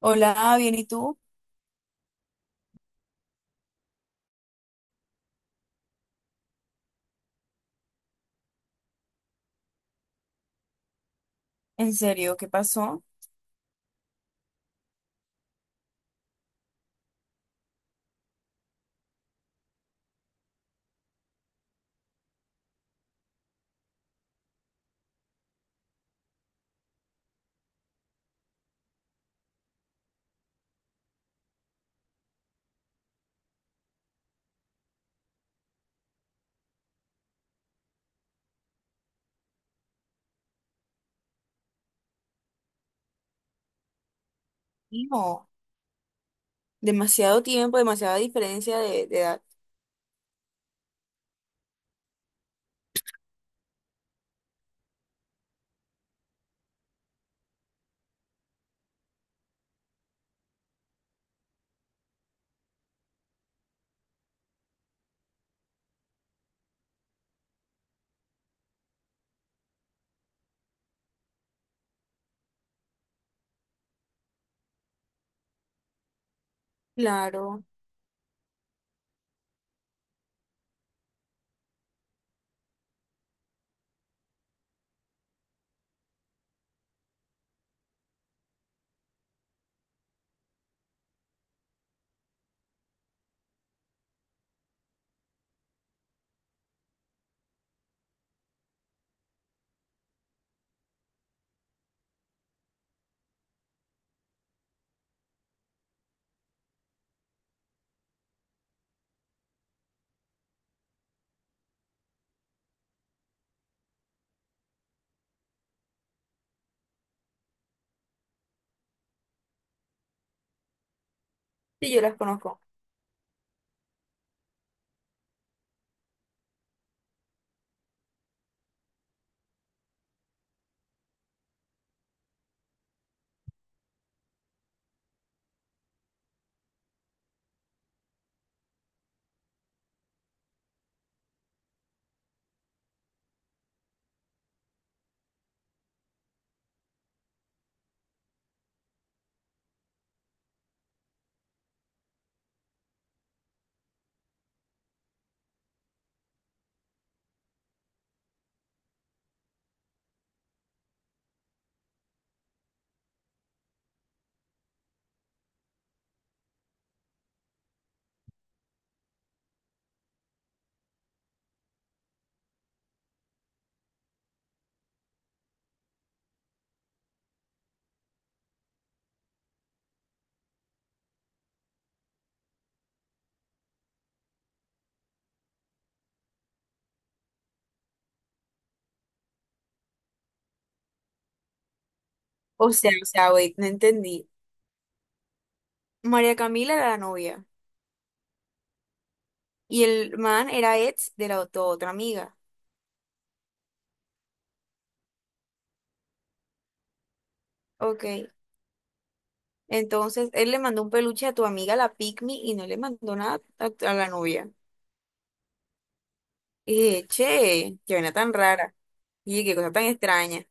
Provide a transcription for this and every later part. Hola, bien, ¿y tú? ¿En serio? ¿Qué pasó? No, demasiado tiempo, demasiada diferencia de edad. Claro, sí, yo las conozco. O sea, wait, no entendí. María Camila era la novia y el man era ex de la tu otra amiga. Ok, entonces él le mandó un peluche a tu amiga, la Pygmy, y no le mandó nada a la novia. Y dije, che, qué vaina tan rara. Y qué cosa tan extraña.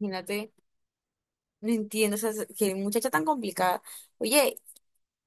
Imagínate, no entiendo, o sea, qué muchacha tan complicada. Oye,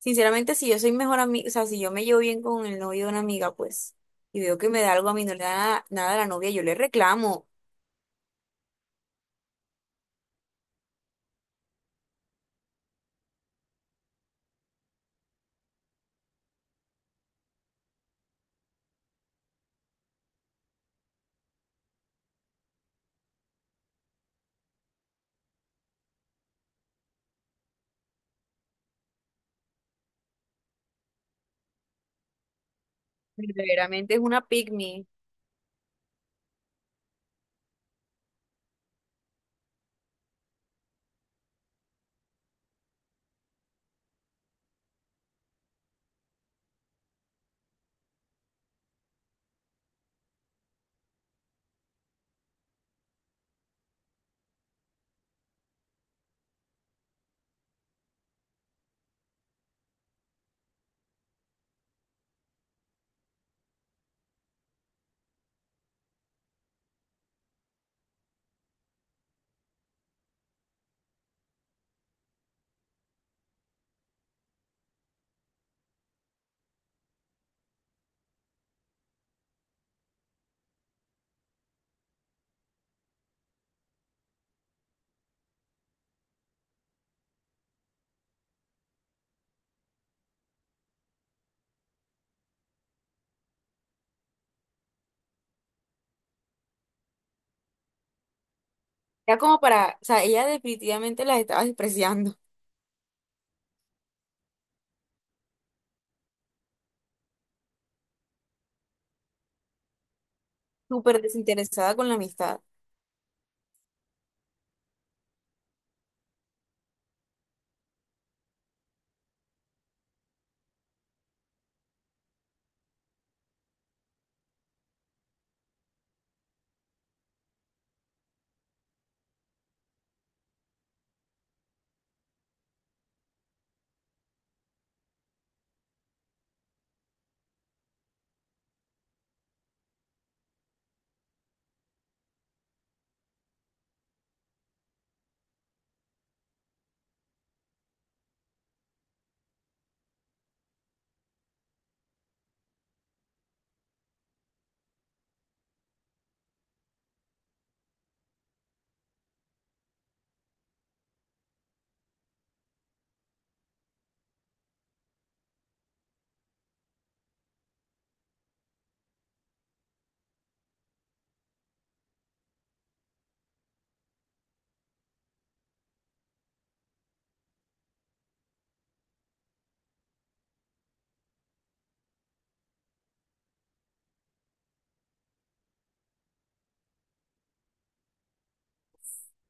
sinceramente, si yo soy mejor amiga, o sea, si yo me llevo bien con el novio de una amiga, pues, y veo que me da algo a mí, no le da nada, nada a la novia, yo le reclamo. Verdaderamente es una pick me. Ya como para, o sea, ella definitivamente las estaba despreciando, súper desinteresada con la amistad.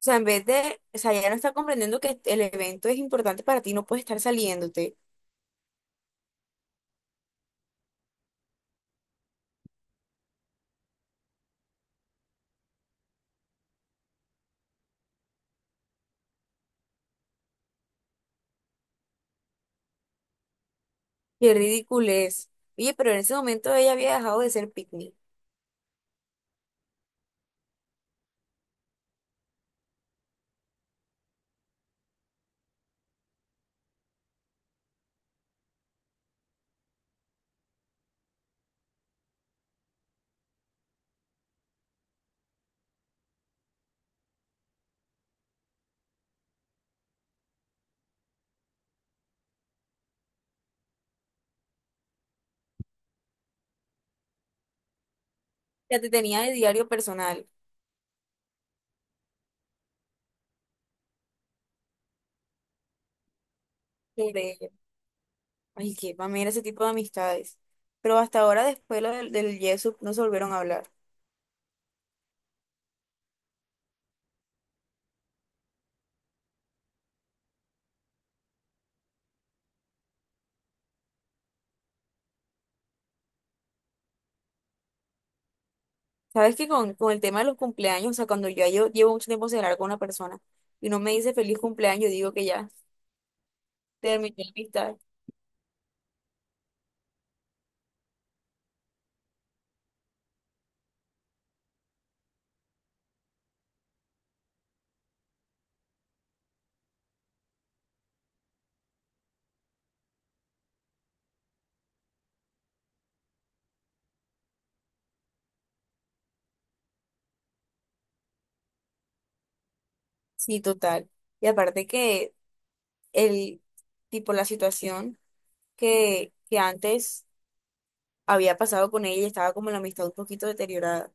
O sea, en vez de, o sea, ella no está comprendiendo que el evento es importante para ti, no puedes estar saliéndote. Qué ridículo es. Oye, pero en ese momento ella había dejado de ser pick me. Ya te tenía de diario personal sobre ella. Ay, que, para mí era ese tipo de amistades. Pero hasta ahora, después lo del, del Yesup, no se volvieron a hablar. Sabes que con el tema de los cumpleaños, o sea, cuando ya yo llevo mucho tiempo sin hablar con una persona y no me dice feliz cumpleaños, yo digo que ya terminé la amistad. Sí, total. Y aparte que el tipo, la situación que antes había pasado con ella, estaba como la amistad un poquito deteriorada.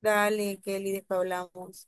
Dale, Kelly, después hablamos.